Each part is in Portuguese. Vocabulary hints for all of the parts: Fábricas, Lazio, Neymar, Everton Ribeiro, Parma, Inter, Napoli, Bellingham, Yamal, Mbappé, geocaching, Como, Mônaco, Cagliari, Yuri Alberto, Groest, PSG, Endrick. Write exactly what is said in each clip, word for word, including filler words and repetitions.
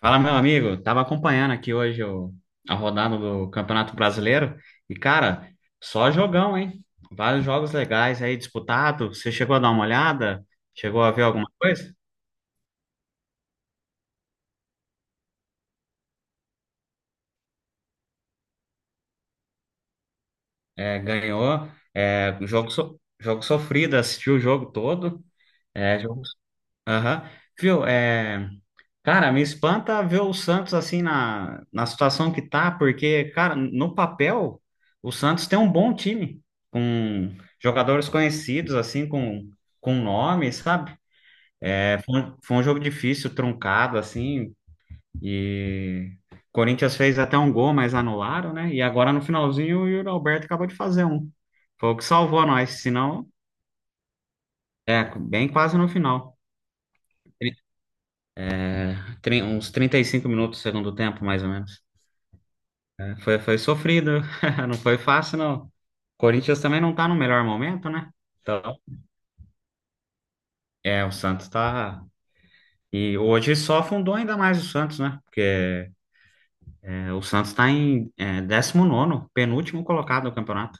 Fala, meu amigo. Tava acompanhando aqui hoje o- a rodada do Campeonato Brasileiro e, cara, só jogão, hein? Vários jogos legais aí disputados. Você chegou a dar uma olhada? Chegou a ver alguma coisa? É, ganhou. É, jogo, so- jogo sofrido, assistiu o jogo todo. É, jogo. so, Aham. Viu? É, cara, me espanta ver o Santos assim na, na situação que tá, porque, cara, no papel, o Santos tem um bom time, com jogadores conhecidos, assim, com, com nome, sabe? É, foi, um foi um jogo difícil, truncado, assim, e o Corinthians fez até um gol, mas anularam, né? E agora no finalzinho o Yuri Alberto acabou de fazer um. Foi o que salvou nós, senão, é, bem quase no final. Tri- tri- Uns trinta e cinco minutos do segundo tempo, mais ou menos. Foi, foi sofrido, não foi fácil, não. O Corinthians também não tá no melhor momento, né? Então, é, o Santos tá. E hoje só afundou ainda mais o Santos, né? Porque é, o Santos tá em é, décimo nono, penúltimo colocado no campeonato.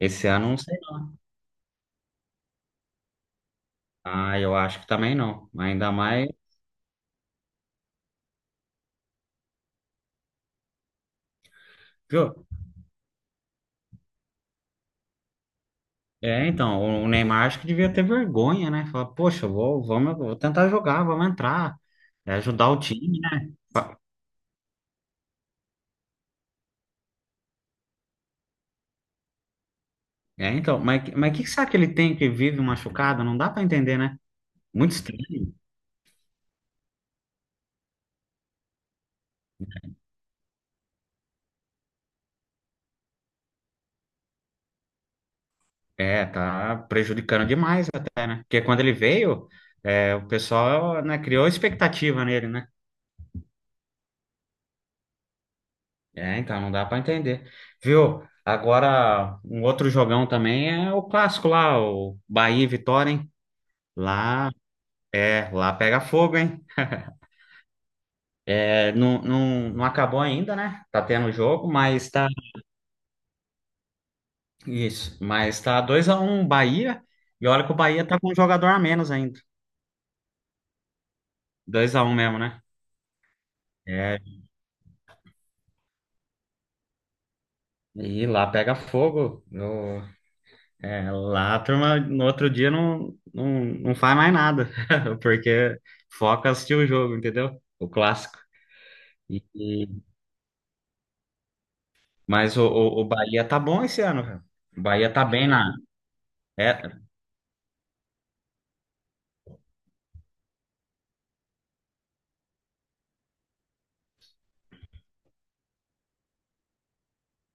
Esse ano, não sei, não. Ah, eu acho que também não. Ainda mais. Viu? É, então, o o Neymar acho que devia ter vergonha, né? Falar, poxa, eu vou, vamos, eu vou tentar jogar, vamos entrar, é, ajudar o time, né? É, então, mas mas que que será que ele tem que vive machucado? Não dá pra entender, né? Muito estranho. É, tá prejudicando demais até, né? Porque quando ele veio, é, o pessoal, né, criou expectativa nele, né? É, então não dá pra entender. Viu? Agora, um outro jogão também é o clássico lá, o Bahia e Vitória, hein? Lá, é, lá pega fogo, hein? É, não, não, não acabou ainda, né? Tá tendo jogo, mas tá. Isso, mas tá dois a um Bahia, e olha que o Bahia tá com um jogador a menos ainda. Dois a um mesmo, né? É, e lá pega fogo. Eu- é, lá a turma no outro dia não, não, não faz mais nada, porque foca em assistir o jogo, entendeu? O clássico. E, e- mas o, o, o Bahia tá bom esse ano, velho. O Bahia tá bem na. É,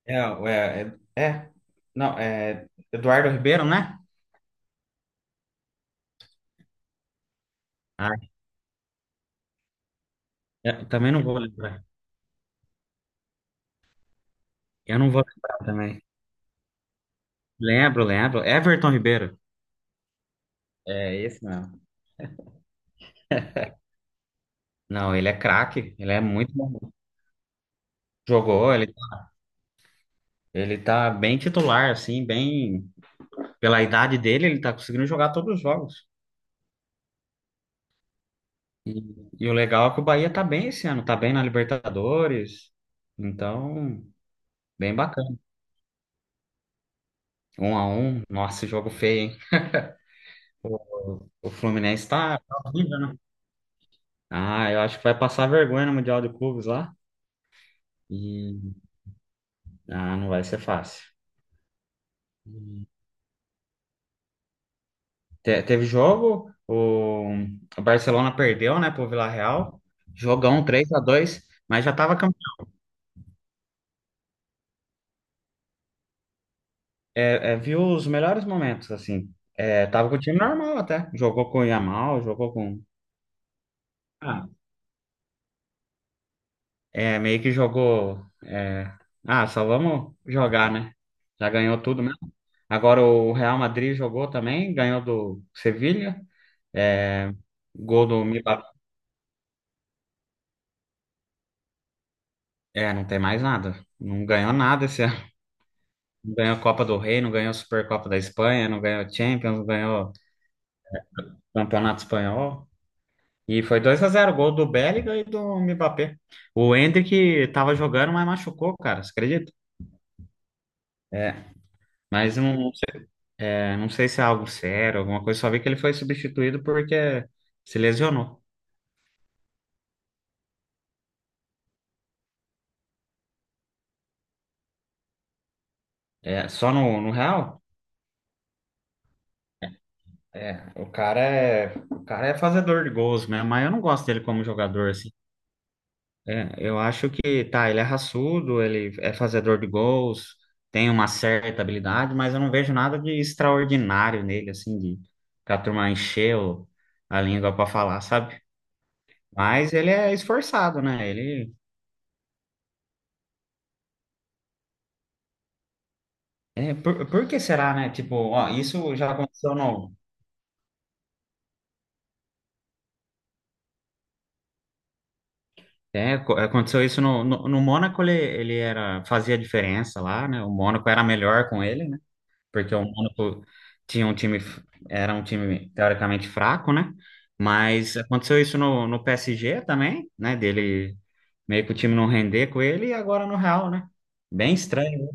é, é, é, é- não, é Eduardo Ribeiro, né? Ah, eu também não vou lembrar. Eu não vou lembrar também. Lembro, lembro. Everton Ribeiro. É esse mesmo. Não, ele é craque, ele é muito bom. Jogou, ele, ele tá bem titular, assim, bem. Pela idade dele, ele tá conseguindo jogar todos os jogos. E, e o legal é que o Bahia tá bem esse ano, tá bem na Libertadores. Então, bem bacana. Um a um, nossa, jogo feio, hein? O, o Fluminense tá, tá horrível, né? Ah, eu acho que vai passar vergonha no Mundial de Clubes lá. E, ah, não vai ser fácil. Te- teve jogo, o, o Barcelona perdeu, né, pro Villarreal. Jogão três a dois, mas já tava campe- é, é, viu os melhores momentos, assim. É, tava com o time normal até. Jogou com o Yamal, jogou com. Ah, é, meio que jogou. É, ah, só vamos jogar, né? Já ganhou tudo mesmo. Agora o Real Madrid jogou também, ganhou do Sevilha. É, gol do Mbappé. É, não tem mais nada. Não ganhou nada esse não ganhou a Copa do Rei, não ganhou a Supercopa da Espanha, não ganhou a Champions, não ganhou o Campeonato Espanhol. E foi dois a zero, gol do Bellingham e do Mbappé. O Endrick tava jogando, mas machucou, cara, você acredita? É, mas não, é, não sei se é algo sério, alguma coisa, só vi que ele foi substituído porque se lesionou. É, só no, no Real? É, o cara é, o cara é fazedor de gols mesmo, mas eu não gosto dele como jogador, assim. É, eu acho que tá, ele é raçudo, ele é fazedor de gols, tem uma certa habilidade, mas eu não vejo nada de extraordinário nele, assim, de pra turma encher o- a língua pra falar, sabe? Mas ele é esforçado, né? Ele é, por, por que será, né? Tipo, ó, isso já aconteceu no é, co- aconteceu isso no, no, no Mônaco, ele, ele era fazia diferença lá, né? O Mônaco era melhor com ele, porque o Mônaco tinha um time, era um time teoricamente fraco, né? Mas aconteceu isso no, no P S G também, né? Dele meio que o time não render com ele e agora no Real, né? Bem estranho,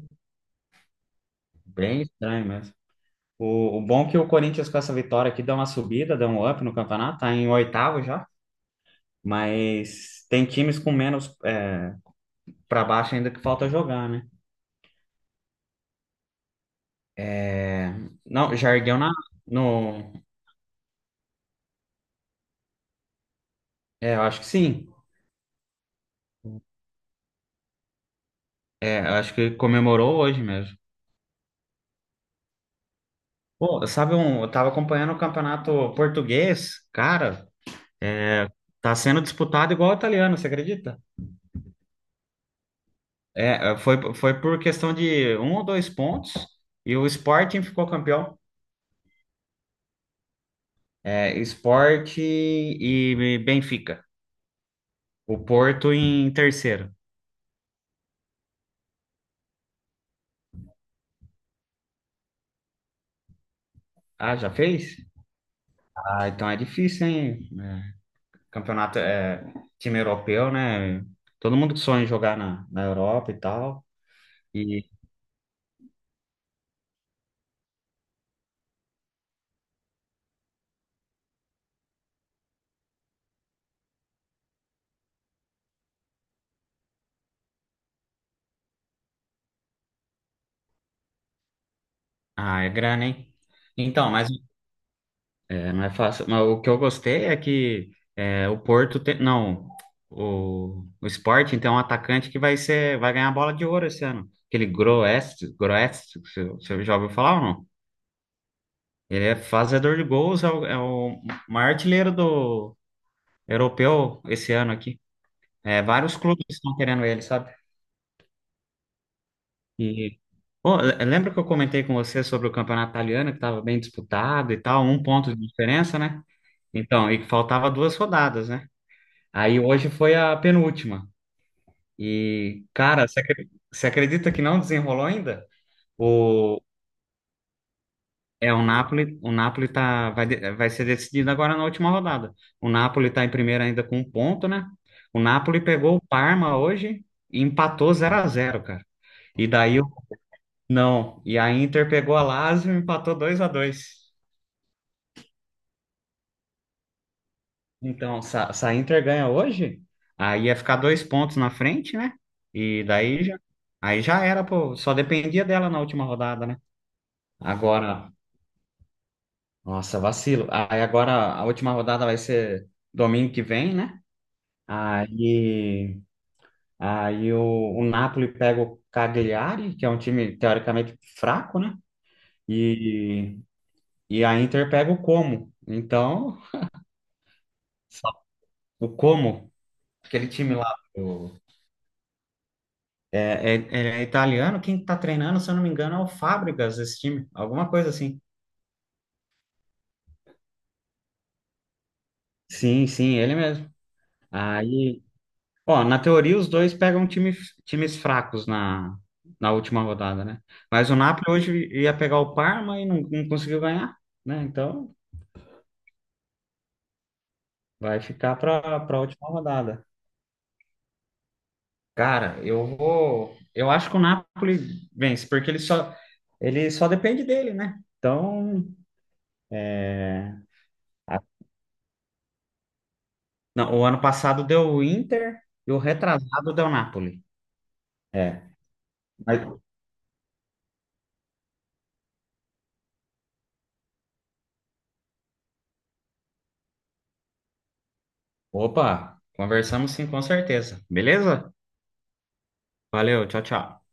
bem estranho mesmo. O, o bom é que o Corinthians com essa vitória aqui dá uma subida, dá um up no campeonato, tá em oitavo já, mas tem times com menos é, para baixo ainda que falta jogar, né? É, não, já ergueu na, no, é, eu acho que sim. É, eu acho que comemorou hoje mesmo. Pô, sabe um, eu tava acompanhando o campeonato português, cara, tá sendo disputado igual o italiano, você acredita? É, foi, foi por questão de um ou dois pontos e o Sporting ficou campeão. É, Sport e Benfica. O Porto em terceiro. Ah, já fez? Ah, então é difícil, hein? É, campeonato é time europeu, né? Todo mundo que sonha em jogar na, na Europa e tal. E, ah, é grana, hein? Então, mas é, não é fácil. Mas o que eu gostei é que é, o Porto tem. Não, o, o Sporting tem um atacante que vai ser, vai ganhar a bola de ouro esse ano. Aquele Groest, Groest, você você já ouviu falar ou não? Ele é fazedor de gols, é o, é o maior artilheiro do europeu esse ano aqui. É, vários clubes estão querendo ele, sabe? E pô, le- lembra que eu comentei com você sobre o campeonato italiano, que estava bem disputado e tal, um ponto de diferença, né? Então, e que faltava duas rodadas, né? Aí hoje foi a penúltima. E, cara, você acre- você acredita que não desenrolou ainda? O, é, o Napoli, o Napoli tá, vai, de- vai ser decidido agora na última rodada. O Napoli tá em primeiro ainda com um ponto, né? O Napoli pegou o Parma hoje e empatou zero a zero, cara. E daí, o- não. E a Inter pegou a Lazio e empatou dois a dois. Então, se a se a Inter ganha hoje, aí ia ficar dois pontos na frente, né? E daí já, aí já era, pô. Só dependia dela na última rodada, né? Agora, nossa, vacilo. Aí agora a última rodada vai ser domingo que vem, né? Aí, aí o, o Napoli pega o Cagliari, que é um time teoricamente fraco, né? E, e a Inter pega o Como. Então, só- o Como, aquele time lá. É, é- é italiano, quem está treinando, se eu não me engano, é o Fábricas, esse time, alguma coisa assim. Sim, sim, ele mesmo. Aí, ó, na teoria os dois pegam time, times fracos na, na última rodada, né? Mas o Napoli hoje ia pegar o Parma e não, não conseguiu ganhar, né? Então vai ficar para para a última rodada. Cara, eu vou. Eu acho que o Napoli vence, porque ele só, ele só depende dele, né? Então, é, Não, o ano passado deu o Inter e o retrasado deu o Napoli. É. Mas- Opa, conversamos sim, com certeza. Beleza? Valeu, tchau, tchau.